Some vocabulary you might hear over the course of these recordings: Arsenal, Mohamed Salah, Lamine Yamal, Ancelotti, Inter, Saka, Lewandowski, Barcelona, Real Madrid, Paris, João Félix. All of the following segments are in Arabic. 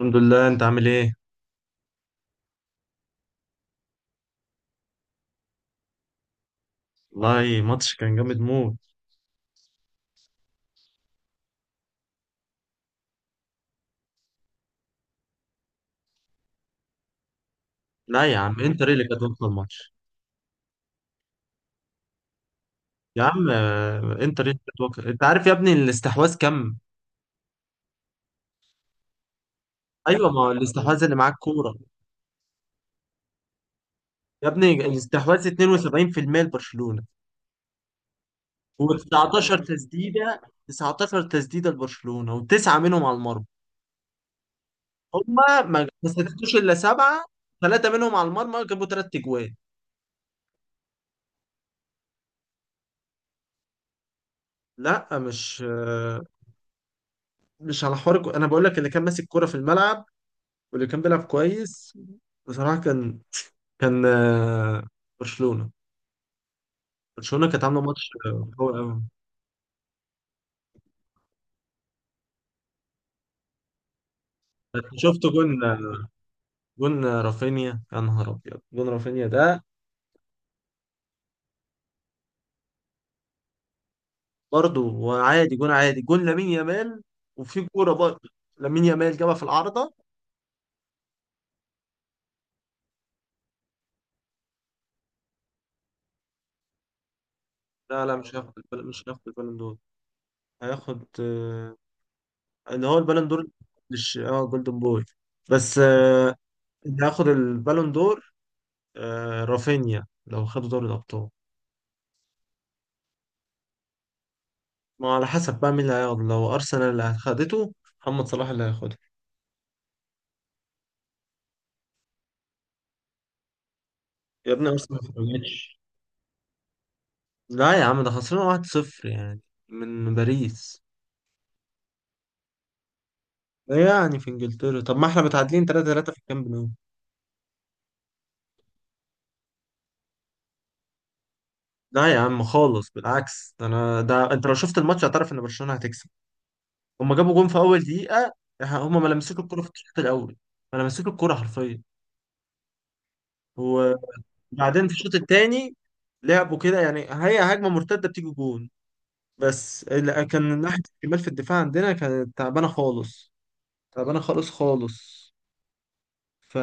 الحمد لله، انت عامل ايه؟ والله، ماتش كان جامد موت. لا يا عم، انتر ايه اللي كانت واكله الماتش؟ يا عم، انتر ايه اللي كانت واكله؟ انت عارف يا ابني الاستحواذ كام؟ ايوه، ما هو الاستحواذ اللي معاك كوره. يا ابني، الاستحواذ 72% لبرشلونه و19 تسديده. 19 تسديده لبرشلونه، وتسعه منهم على المرمى. هما ما سددوش الا سبعه. ثلاثه منهم على المرمى، جابوا ثلاث اجوان. لا، مش مش على حوار انا بقول لك اللي كان ماسك كوره في الملعب، واللي كان بيلعب كويس. بصراحة كان كان آه، برشلونة برشلونة كانت عاملة ماتش قوي قوي. شفت جون؟ جون رافينيا، يا نهار أبيض، جون رافينيا ده. برضه وعادي، جون عادي، جون لامين يامال. وفي كورة برضه، لامين يامال جابها في العارضة. لا لا، مش هياخد مش هياخد البالون دور. هياخد اللي هو البالون دور. مش اه، جولدن بوي. بس اللي هياخد البالون دور رافينيا، لو خدوا دوري الأبطال. ما على حسب بقى مين اللي هياخده. لو ارسنال اللي خدته، محمد صلاح اللي هياخده. يا ابني، ارسنال ما فرقتش. لا يا عم، ده خسرنا 1-0 يعني، من باريس. ده يعني في انجلترا. طب ما احنا متعادلين 3-3 في الكامب نو. لا يا عم خالص، بالعكس، ده انا، ده انت لو شفت الماتش هتعرف ان برشلونة هتكسب. هما جابوا جون في اول دقيقة. هما ما لمسوك الكرة في الشوط الاول، ما لمسوك الكرة حرفيا. وبعدين في الشوط الثاني لعبوا كده، يعني هي هجمة مرتدة بتيجي جون. بس لا، كان ناحية الشمال في الدفاع عندنا كانت تعبانة خالص، تعبانة خالص خالص. ف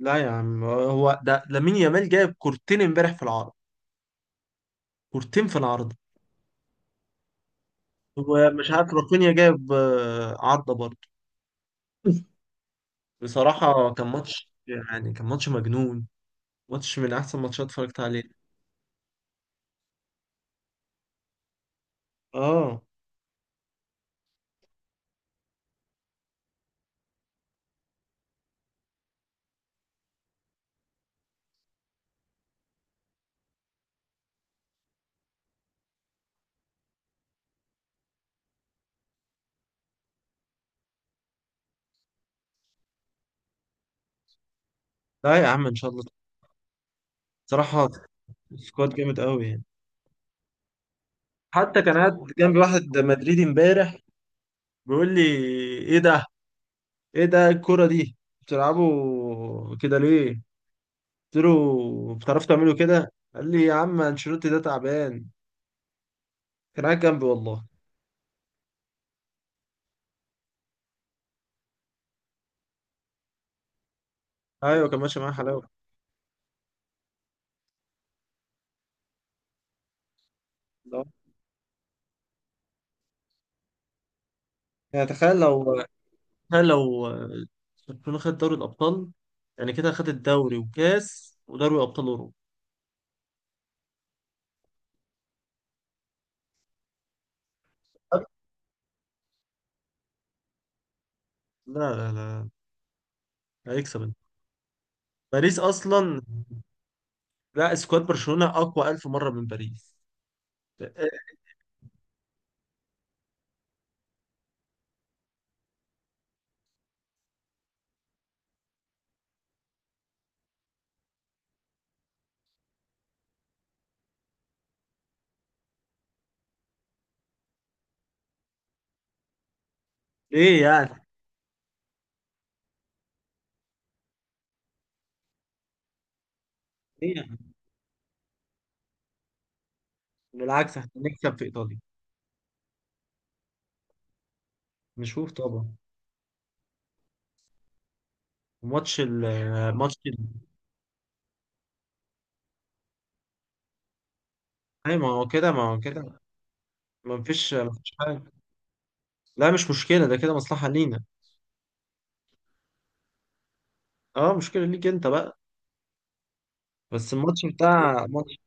لا يا عم، هو ده لامين يامال جايب كورتين امبارح في العرض. كورتين في العرض. ومش عارف، رافينيا جايب عارضة برضه. بصراحة كان ماتش، يعني كان ماتش مجنون. ماتش من أحسن ماتشات اتفرجت عليه. اه. لا يا عم، إن شاء الله. بصراحة، سكواد جامد قوي يعني. حتى كان قاعد جنبي واحد مدريدي امبارح، بيقول لي: ايه ده؟ ايه ده الكرة دي بتلعبوا كده ليه؟ قلت له: بتعرفوا تعملوا كده؟ قال لي: يا عم، انشيلوتي ده تعبان. كان قاعد جنبي والله. ايوه، كان ماشي معاه حلاوه. لا. يعني، تخيل لو برشلونة خد دوري الابطال. يعني كده خد الدوري وكاس ودوري ابطال اوروبا. لا لا لا، هيكسب انت. باريس اصلا، لا، سكواد برشلونة اقوى الف مرة من باريس. ايه يعني؟ ايه يعني؟ بالعكس، احنا نكسب في ايطاليا. نشوف طبعا. ماتش ال ماتش ال أي، ما هو كده ما هو كده. ما فيش حاجة. لا، مش مشكلة، ده كده مصلحة لينا. اه، مشكلة ليك أنت بقى. بس الماتش بتاع ماتش.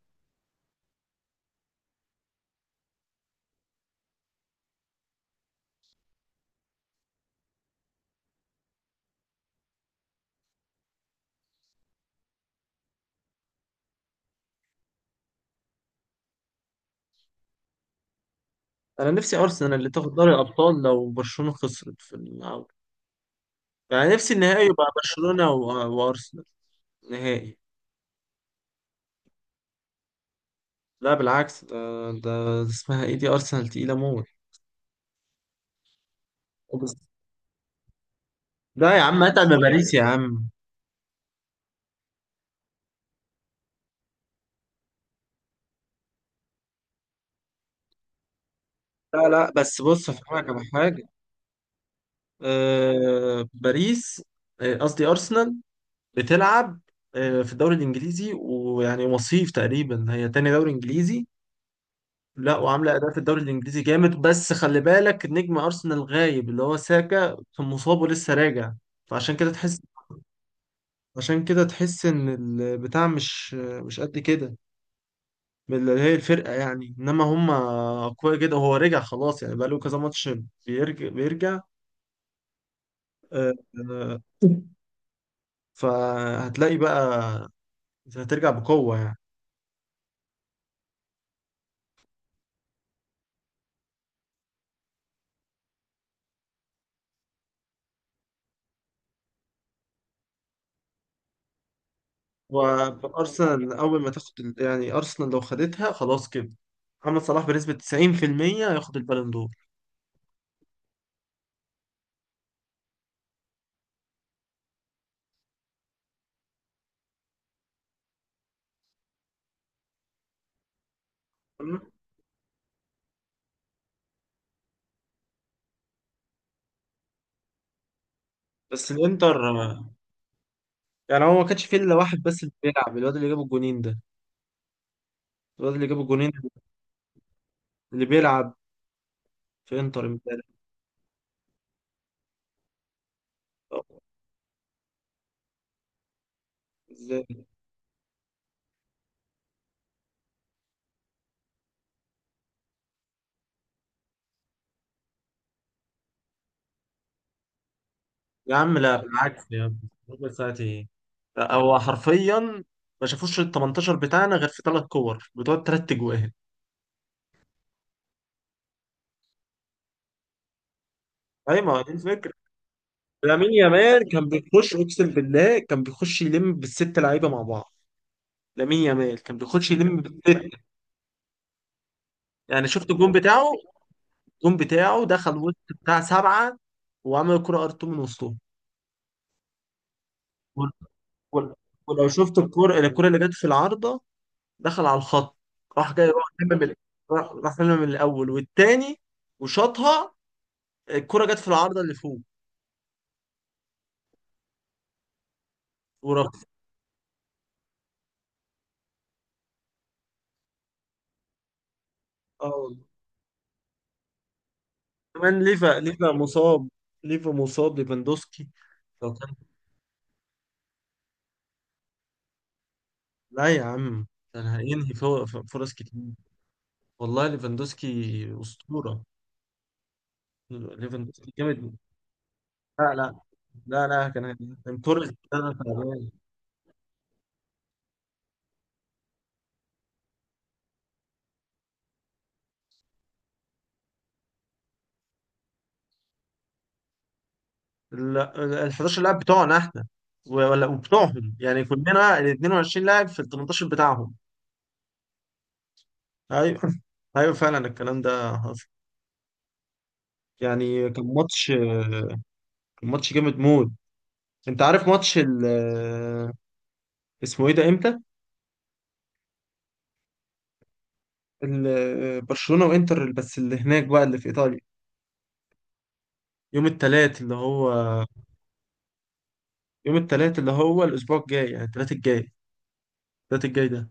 أنا نفسي أرسنال اللي تاخد دوري الأبطال لو برشلونة خسرت في الأول. يعني نفسي النهائي يبقى برشلونة وأرسنال. نهائي. لا بالعكس، ده اسمها إيه دي، أرسنال تقيلة موت. لا يا عم، اتعب من باريس يا عم. لا لا، بس بص هفهمك على حاجة. آه، باريس، قصدي أرسنال، بتلعب في الدوري الانجليزي، ويعني وصيف تقريبا، هي تاني دوري انجليزي. لا، وعامله اداء في الدوري الانجليزي جامد. بس خلي بالك، نجم ارسنال غايب، اللي هو ساكا، كان مصاب ولسه راجع. فعشان كده تحس، عشان كده تحس ان البتاع مش قد كده، اللي هي الفرقه يعني. انما هم اقوياء جدا، وهو رجع خلاص، يعني بقاله كذا ماتش بيرجع بيرجع. آه، آه، فهتلاقي بقى، هترجع بقوه يعني. وارسنال اول ما تاخد يعني ارسنال لو خدتها، خلاص كده، محمد صلاح بنسبه 90% هياخد البالون دور. تمام؟ بس الانتر يعني هو ما كانش فيه الا واحد بس اللي بيلعب، الواد اللي جاب الجونين ده. الواد اللي جاب الجونين، اللي بيلعب في انتر امبارح. طب ازاي؟ يا عم لا، بالعكس يا عم. ربع ساعة ايه؟ لا، هو حرفيا ما شافوش ال 18 بتاعنا غير في ثلاث كور بتوع ثلاث اجوان. ايوه، ما هو دي الفكرة. لامين يامال كان بيخش، اقسم بالله كان بيخش يلم بالست لعيبه مع بعض. لامين يامال كان بيخش يلم بالست. يعني شفت الجون بتاعه؟ الجون بتاعه دخل وسط بتاع سبعه، وعمل كرة ار اتنين من وسطهم. وال- وال- ولو شفت الكرة، اللي جت في العارضه، دخل على الخط. راح جاي، راح لم من، راح لم من الاول والتاني وشاطها. الكرة جت في العارضه اللي فوق، ورفع. اه والله. كمان ليفا ليفا مصاب. ليفا مصاب، ليفاندوسكي. لا يا عم، ده أنا هينهي فرص كتير. والله ليفاندوسكي أسطورة، ليفاندوسكي جامد. لا لا. لا لا، كان كورة، أنا تعبان. 11 لاعب بتوعنا احنا ولا، وبتوعهم يعني، كلنا ال 22 لاعب في ال 18 بتاعهم. ايوه. ايوه فعلا، الكلام ده حصل. يعني كان ماتش، كان ماتش جامد موت. انت عارف ماتش اسمه ايه ده، امتى؟ برشلونة وانتر، بس اللي هناك بقى، اللي في ايطاليا. يوم التلات اللي هو يوم التلات اللي هو الأسبوع الجاي، يعني التلات الجاي، التلات الجاي ده.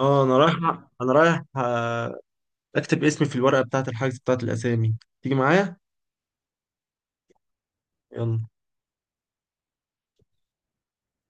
اه، أنا رايح، أنا رايح أكتب اسمي في الورقة بتاعة الحجز بتاعة الأسامي. تيجي معايا؟ يلا.